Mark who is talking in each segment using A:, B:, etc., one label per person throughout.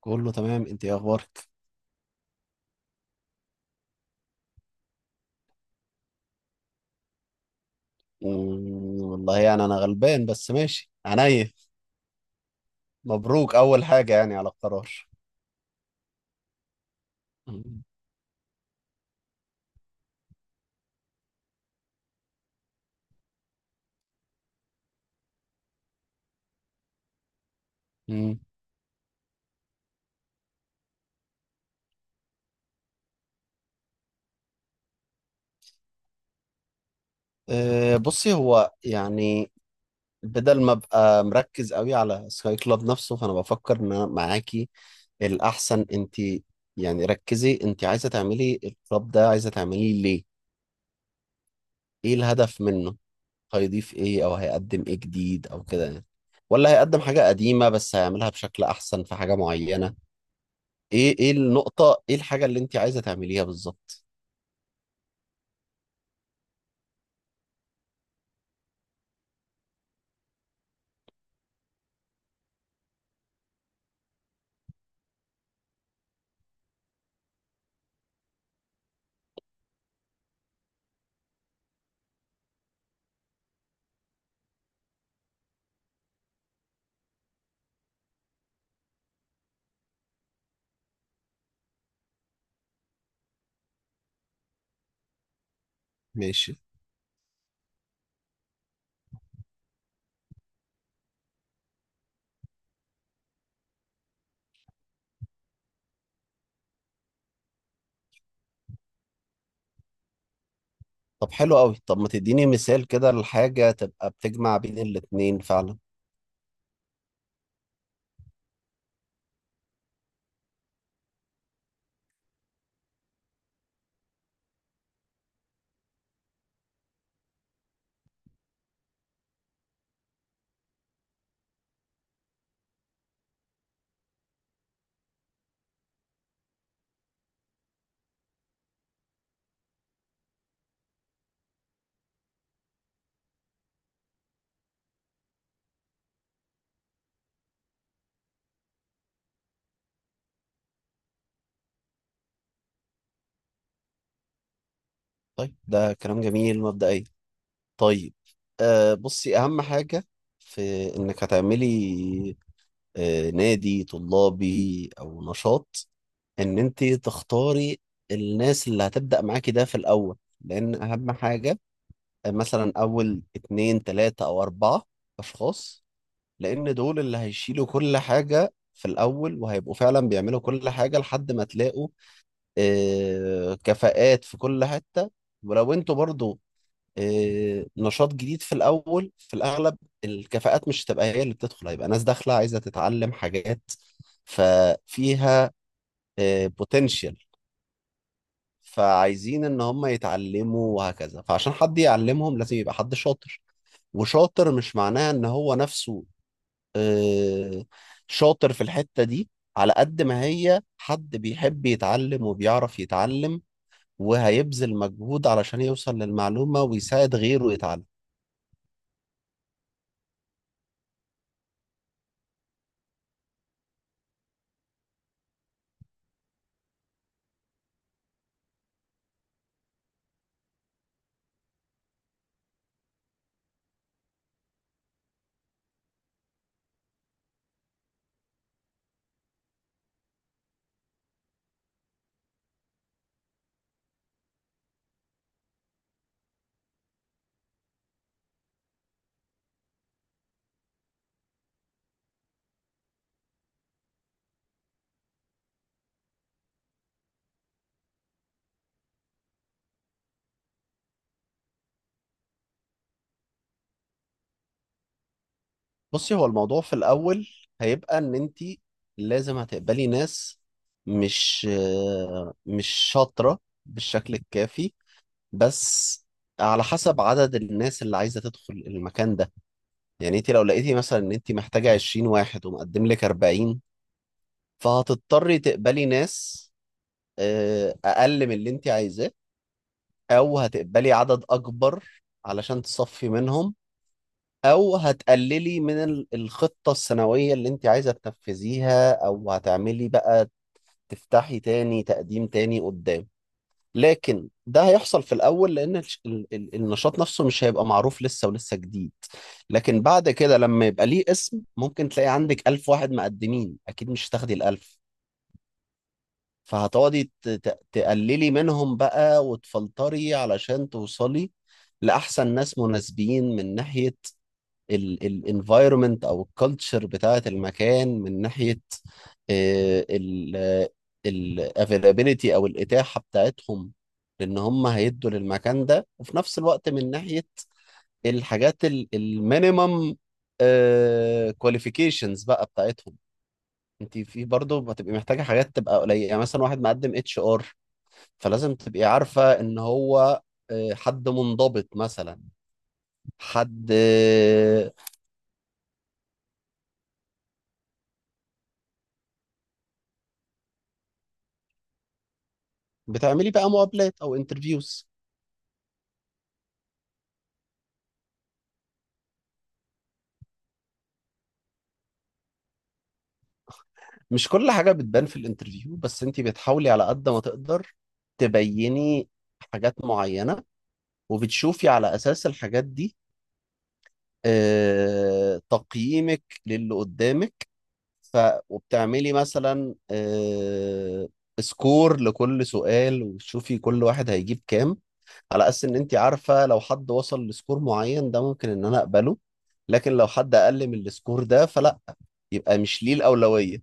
A: كله تمام، انت ايه اخبارك؟ والله يعني انا غلبان بس ماشي عينيا. مبروك اول حاجه يعني على القرار. مم. مم. أه بصي هو يعني بدل ما ابقى مركز قوي على سكاي كلاب نفسه فانا بفكر ان انا معاكي الاحسن. انت يعني ركزي، انت عايزه تعملي الكلاب ده، عايزه تعمليه ليه؟ ايه الهدف منه؟ هيضيف ايه او هيقدم ايه جديد او كده يعني، ولا هيقدم حاجه قديمه بس هيعملها بشكل احسن في حاجه معينه؟ ايه النقطة، ايه الحاجة اللي انت عايزة تعمليها بالظبط؟ ماشي. طب حلو قوي، طب ما تديني مثال كده لحاجة تبقى بتجمع بين الاتنين فعلا. طيب ده كلام جميل مبدئيا. طيب، بصي، اهم حاجة في انك هتعملي نادي طلابي او نشاط، ان انت تختاري الناس اللي هتبدأ معاكي ده في الاول، لان اهم حاجة، مثلا اول اتنين تلاتة او اربعة اشخاص، لان دول اللي هيشيلوا كل حاجة في الاول وهيبقوا فعلا بيعملوا كل حاجة لحد ما تلاقوا كفاءات في كل حتة. ولو انتوا برضو نشاط جديد في الاول، في الاغلب الكفاءات مش هتبقى هي اللي بتدخل، هيبقى ناس داخلة عايزة تتعلم حاجات ففيها بوتنشال. فعايزين ان هم يتعلموا وهكذا، فعشان حد يعلمهم لازم يبقى حد شاطر. وشاطر مش معناه ان هو نفسه آه، شاطر في الحتة دي، على قد ما هي حد بيحب يتعلم وبيعرف يتعلم وهيبذل مجهود علشان يوصل للمعلومة ويساعد غيره يتعلم. بصي، هو الموضوع في الأول هيبقى إن أنت لازم هتقبلي ناس مش مش شاطرة بالشكل الكافي، بس على حسب عدد الناس اللي عايزة تدخل المكان ده. يعني انت لو لقيتي مثلا ان انت محتاجة 20 واحد ومقدم لك 40، فهتضطري تقبلي ناس اقل من اللي انت عايزاه، او هتقبلي عدد اكبر علشان تصفي منهم، او هتقللي من الخطة السنوية اللي انت عايزة تنفذيها، او هتعملي بقى تفتحي تاني تقديم تاني قدام. لكن ده هيحصل في الاول لان النشاط نفسه مش هيبقى معروف لسه ولسه جديد. لكن بعد كده لما يبقى ليه اسم ممكن تلاقي عندك ألف واحد مقدمين، اكيد مش هتاخدي الألف، فهتقعدي تقللي منهم بقى وتفلتري علشان توصلي لأحسن ناس مناسبين، من ناحية الانفايرمنت أو الكالتشر بتاعة المكان، من ناحية الافيلابيلتي أو الإتاحة بتاعتهم لأن هم هيدوا للمكان ده، وفي نفس الوقت من ناحية الحاجات المينيمم كواليفيكيشنز بقى بتاعتهم. انت في برضه هتبقي محتاجه حاجات تبقى قليله، يعني مثلا واحد مقدم اتش ار، فلازم تبقي عارفة ان هو حد منضبط مثلا، حد آه، بتعملي بقى مقابلات او انترفيوز. مش كل حاجة بتبان في الانترفيو بس انت بتحاولي على قد ما تقدر تبيني حاجات معينة، وبتشوفي على اساس الحاجات دي تقييمك للي قدامك. ف وبتعملي مثلا سكور لكل سؤال وتشوفي كل واحد هيجيب كام، على اساس ان انت عارفه لو حد وصل لسكور معين ده ممكن ان انا اقبله، لكن لو حد اقل من السكور ده فلا، يبقى مش ليه الاولويه.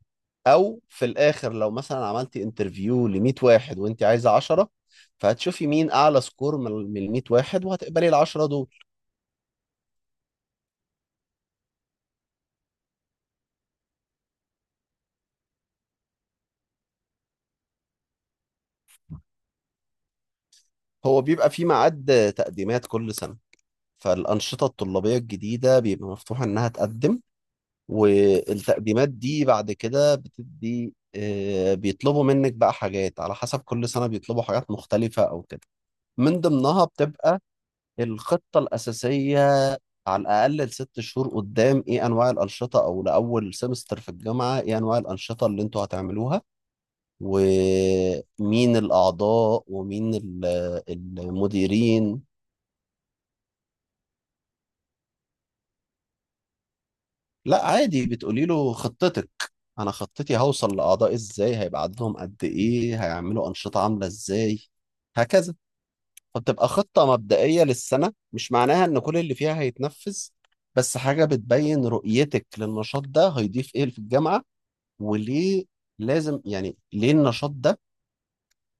A: او في الاخر لو مثلا عملتي انترفيو ل 100 واحد وانت عايزه 10، فهتشوفي مين اعلى سكور من ال 100 واحد وهتقبلي ال 10 دول. هو بيبقى في ميعاد تقديمات كل سنه، فالانشطه الطلابيه الجديده بيبقى مفتوح انها تقدم، والتقديمات دي بعد كده بتدي بيطلبوا منك بقى حاجات على حسب كل سنة، بيطلبوا حاجات مختلفة أو كده. من ضمنها بتبقى الخطة الأساسية على الأقل لست شهور قدام، إيه أنواع الأنشطة أو لأول سمستر في الجامعة إيه أنواع الأنشطة اللي أنتوا هتعملوها، ومين الأعضاء ومين المديرين. لا عادي، بتقولي له خطتك، انا خطتي هوصل لاعضاء ازاي، هيبقى عددهم قد ايه، هيعملوا انشطه عامله ازاي، هكذا. فبتبقى خطه مبدئيه للسنه، مش معناها ان كل اللي فيها هيتنفذ، بس حاجه بتبين رؤيتك للنشاط ده هيضيف ايه في الجامعه وليه لازم، يعني ليه النشاط ده؟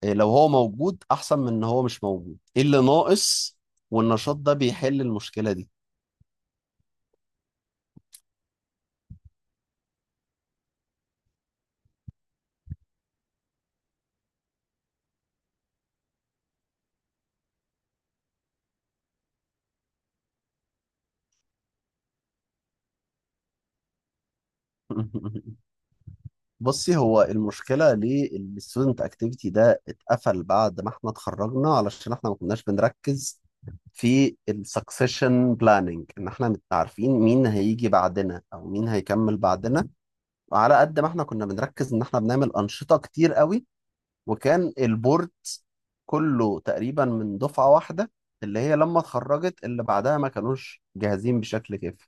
A: إيه لو هو موجود احسن من ان هو مش موجود؟ ايه اللي ناقص والنشاط ده بيحل المشكله دي؟ بصي، هو المشكلة ليه الستودنت اكتيفيتي ده اتقفل بعد ما احنا اتخرجنا، علشان احنا ما كناش بنركز في السكسيشن بلاننج، ان احنا عارفين مين هيجي بعدنا او مين هيكمل بعدنا. وعلى قد ما احنا كنا بنركز ان احنا بنعمل انشطة كتير قوي، وكان البورد كله تقريبا من دفعة واحدة، اللي هي لما اتخرجت اللي بعدها ما كانوش جاهزين بشكل كافي.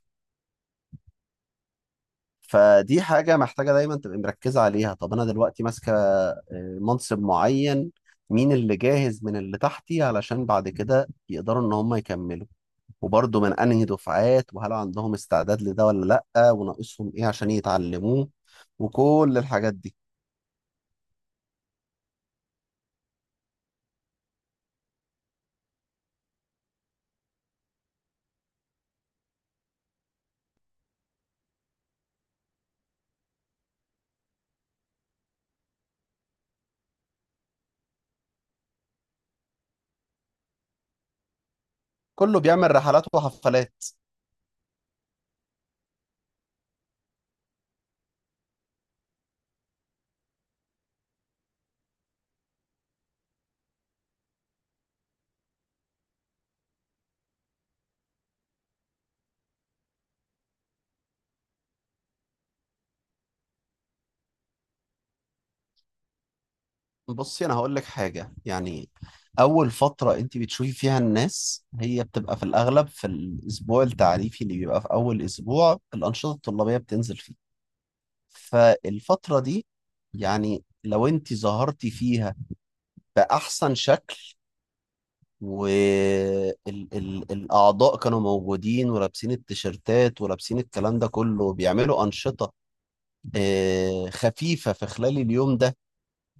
A: فدي حاجة محتاجة دايما تبقى مركزة عليها. طب أنا دلوقتي ماسكة منصب معين، مين اللي جاهز من اللي تحتي علشان بعد كده يقدروا إن هم يكملوا، وبرضه من أنهي دفعات، وهل عندهم استعداد لده ولا لأ، وناقصهم إيه عشان يتعلموه، وكل الحاجات دي. كله بيعمل رحلات وحفلات. بصي أنا هقول لك حاجة يعني، أول فترة أنت بتشوفي فيها الناس هي بتبقى في الأغلب في الأسبوع التعريفي اللي بيبقى في أول أسبوع الأنشطة الطلابية بتنزل فيه. فالفترة دي يعني لو انت ظهرتي فيها بأحسن شكل، والأعضاء كانوا موجودين ولابسين التيشيرتات ولابسين الكلام ده كله وبيعملوا أنشطة خفيفة في خلال اليوم ده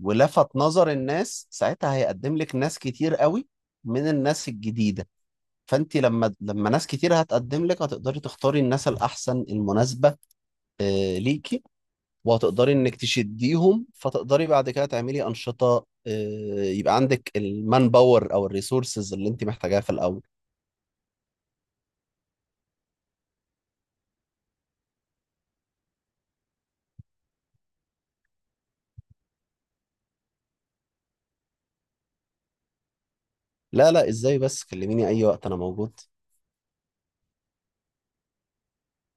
A: ولفت نظر الناس، ساعتها هيقدم لك ناس كتير قوي من الناس الجديدة. فانت لما ناس كتير هتقدم لك هتقدري تختاري الناس الأحسن المناسبة ليكي. وهتقدري انك تشديهم، فتقدري بعد كده تعملي انشطه، يبقى عندك المان باور او الريسورسز اللي انت محتاجاها في الاول. لا لا، ازاي بس، كلميني اي وقت انا موجود.